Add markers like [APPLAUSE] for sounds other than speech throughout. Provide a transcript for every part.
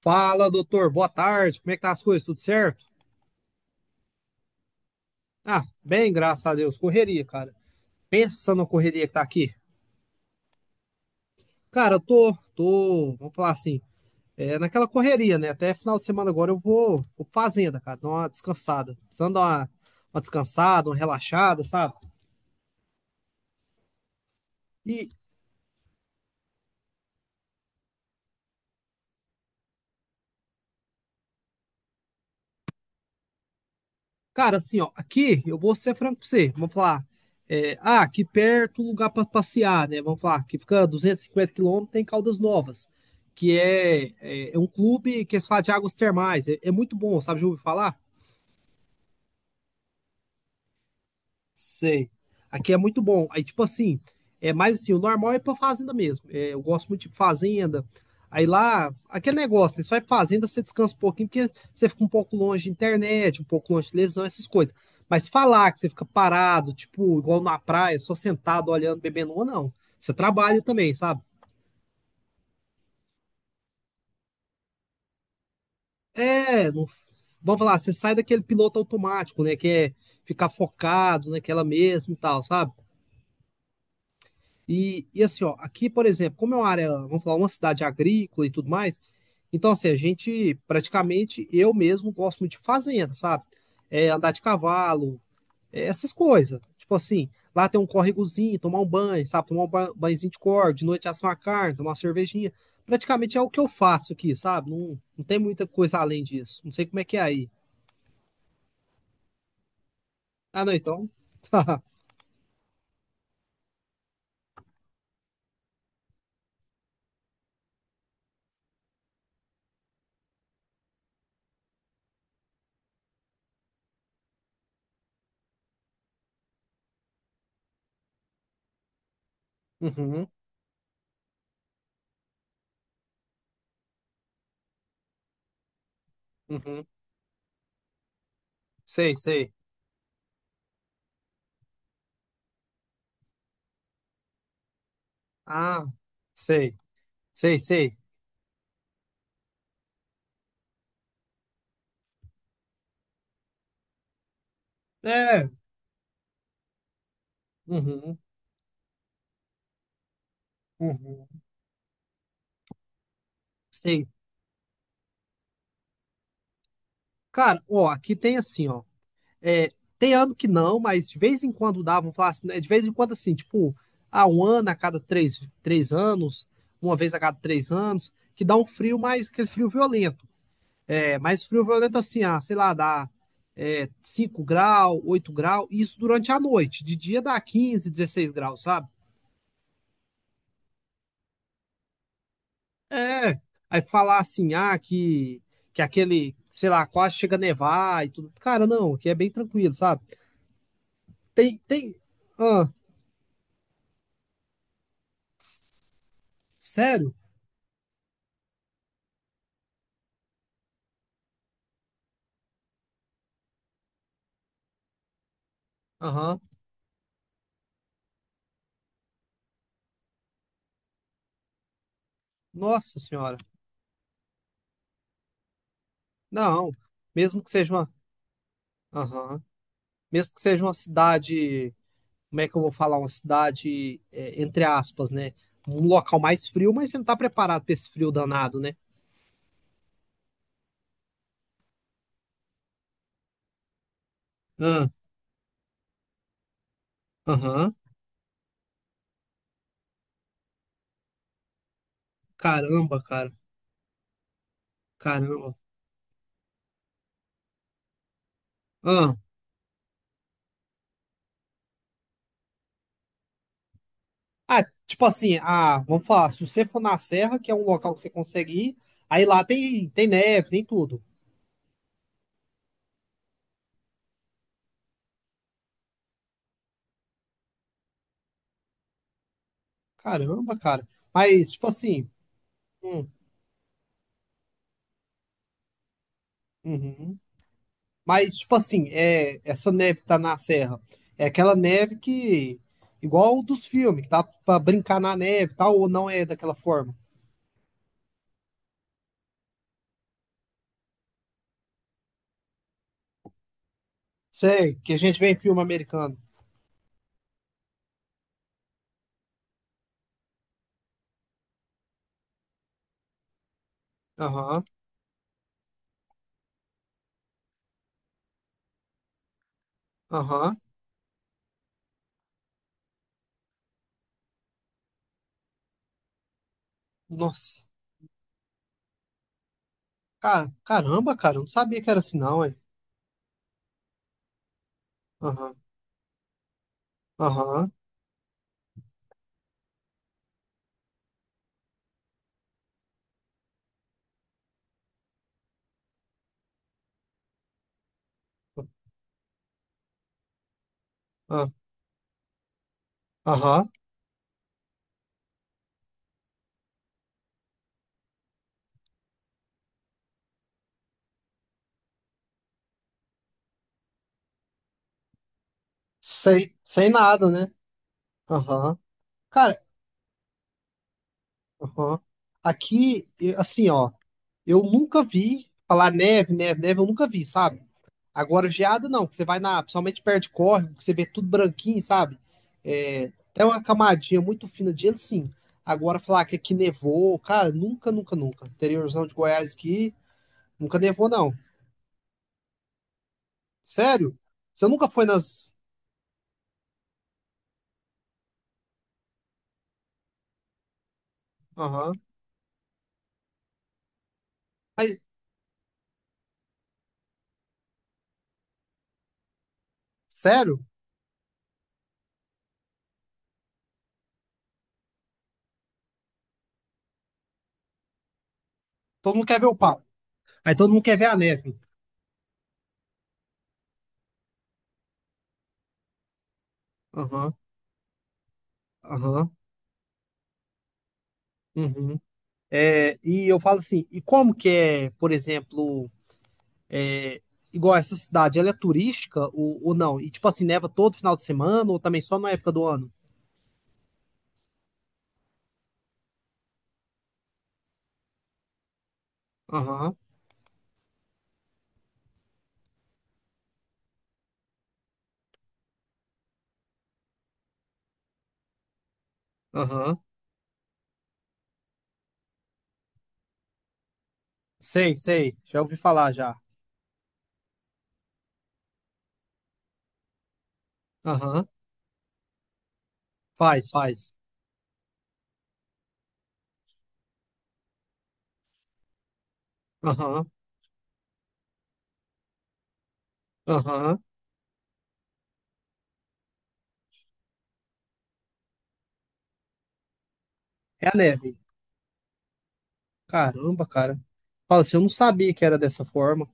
Fala, doutor. Boa tarde. Como é que tá as coisas? Tudo certo? Ah, bem, graças a Deus. Correria, cara. Pensa na correria que tá aqui. Cara, eu tô, vamos falar assim, é naquela correria, né? Até final de semana agora eu vou pra fazenda, cara, dar uma descansada. Precisando dar uma descansada, uma relaxada, sabe? E, cara, assim, ó, aqui eu vou ser franco pra você. Vamos falar. Aqui perto, lugar pra passear, né? Vamos falar, que fica 250 km, tem Caldas Novas, que é um clube que se fala de águas termais. É, é muito bom, sabe? Já ouviu falar? Sei. Aqui é muito bom. Aí, tipo assim, é mais assim, o normal é pra fazenda mesmo. É, eu gosto muito de fazenda. Aí lá, aquele negócio, né? Você vai pra fazenda, você descansa um pouquinho, porque você fica um pouco longe de internet, um pouco longe de televisão, essas coisas. Mas falar que você fica parado, tipo, igual na praia, só sentado, olhando, bebendo, ou não. Você trabalha também, sabe? É, vamos falar, você sai daquele piloto automático, né? Que é ficar focado naquela mesmo e tal, sabe? E assim, ó, aqui, por exemplo, como é uma área, vamos falar, uma cidade agrícola e tudo mais, então, assim, a gente praticamente, eu mesmo gosto muito de fazenda, sabe? É, andar de cavalo, é, essas coisas. Tipo assim, lá tem um córregozinho, tomar um banho, sabe? Tomar um banhozinho de corda, de noite assar uma carne, tomar uma cervejinha. Praticamente é o que eu faço aqui, sabe? Não, não tem muita coisa além disso. Não sei como é que é aí. Ah, não, então. [LAUGHS] Uhum, uhum. Sei, sei. Ah, sei, sei, sei. É, uhum, uhum. Sei. Cara, ó, aqui tem assim, ó. É, tem ano que não, mas de vez em quando dá, vamos falar assim, né? De vez em quando, assim, tipo, há um ano a cada três anos, uma vez a cada 3 anos, que dá um frio mais, aquele frio violento. É, mas frio violento assim, ah, sei lá, dá é, 5 graus, 8 graus, isso durante a noite. De dia dá 15, 16 graus, sabe? É, aí falar assim, ah, que aquele, sei lá, quase chega a nevar e tudo. Cara, não, aqui é bem tranquilo, sabe? Tem, tem. Ah, sério? Aham. Nossa senhora. Não, mesmo que seja uma. Aham. Mesmo que seja uma cidade. Como é que eu vou falar? Uma cidade, é, entre aspas, né? Um local mais frio, mas você não tá preparado pra esse frio danado, né? Ah, aham. Caramba, cara. Caramba. Ah, tipo assim, ah, vamos falar, se você for na Serra, que é um local que você consegue ir, aí lá tem, tem neve, tem tudo. Caramba, cara. Mas, tipo assim, hum, uhum. Mas, tipo assim, é, essa neve que tá na Serra, é aquela neve que, igual dos filmes, que dá pra brincar na neve e tal, ou não é daquela forma? Sei, que a gente vê em filme americano. Aham, aham. Nossa, caramba, cara, eu não sabia que era assim, não, hein? Aham, aham, ah, aham. Sem, sem nada, né? Aham. Cara, aham. Aqui, assim, ó, eu nunca vi falar neve, neve, neve, eu nunca vi, sabe? Agora, geada não, que você vai na, principalmente perto de córrego, que você vê tudo branquinho, sabe? É, é uma camadinha muito fina de gelo, sim. Agora, falar que aqui nevou, cara, nunca, nunca, nunca. Interiorzão de Goiás aqui, nunca nevou, não. Sério? Você nunca foi nas. Aham. Aí, sério? Todo mundo quer ver o pau. Aí todo mundo quer ver a neve. Aham, aham. Uhum. É, e eu falo assim, e como que é, por exemplo, é igual essa cidade, ela é turística ou não? E tipo assim, neva todo final de semana ou também só na época do ano? Aham, aham. Sei, sei. Já ouvi falar já. Aham. Faz, faz. Aham, aham. É a neve. Caramba, cara. Fala assim, eu não sabia que era dessa forma.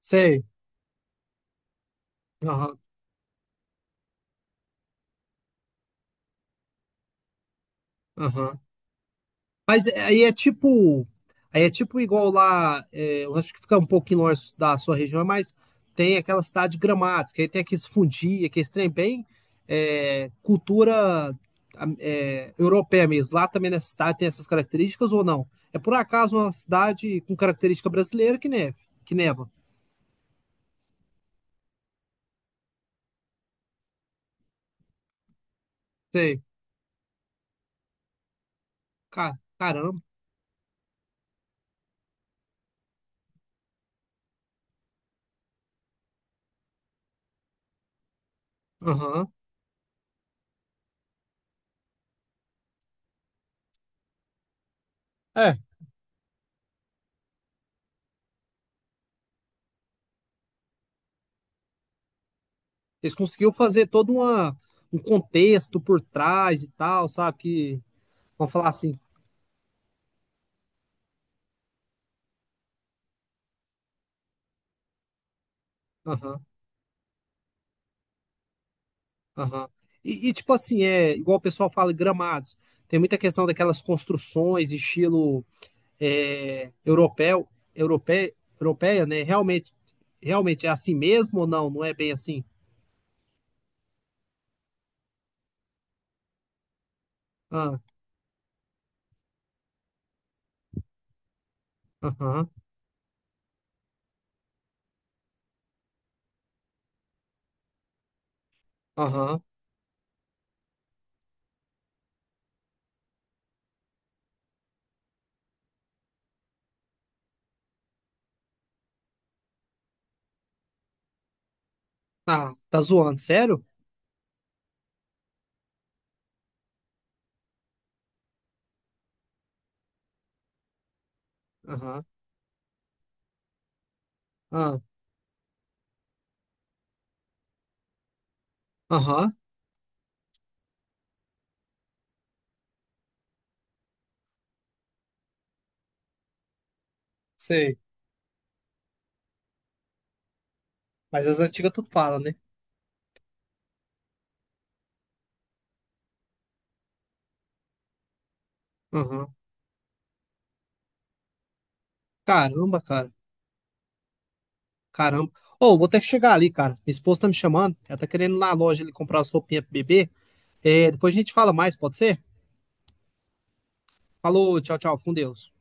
Sei. Aham, aham. Mas é, aí é tipo igual lá, é, eu acho que fica um pouquinho longe da sua região, mas tem aquela cidade gramática, aí tem aqueles fundi, aqueles trem bem é, cultura é, europeia mesmo. Lá também nessa cidade tem essas características ou não? É por acaso uma cidade com característica brasileira que neva. Sei. Caramba. Aham. É. Eles conseguiram fazer todo uma, um contexto por trás e tal, sabe? Que, vamos falar assim. Aham. Aham. E, tipo assim, é igual o pessoal fala, gramados. Tem muita questão daquelas construções, estilo é, europeu, europeia, né? Realmente, realmente é assim mesmo ou não? Não é bem assim? Ah, aham, aham. Ah, tá zoando, sério? Aham, ah, aham, sei. Mas as antigas tudo fala, né? Aham. Caramba, cara. Caramba. Ô, vou ter que chegar ali, cara. Minha esposa tá me chamando. Ela tá querendo ir lá na loja ali comprar as roupinhas pro bebê. É, depois a gente fala mais, pode ser? Falou, tchau, tchau, com Deus.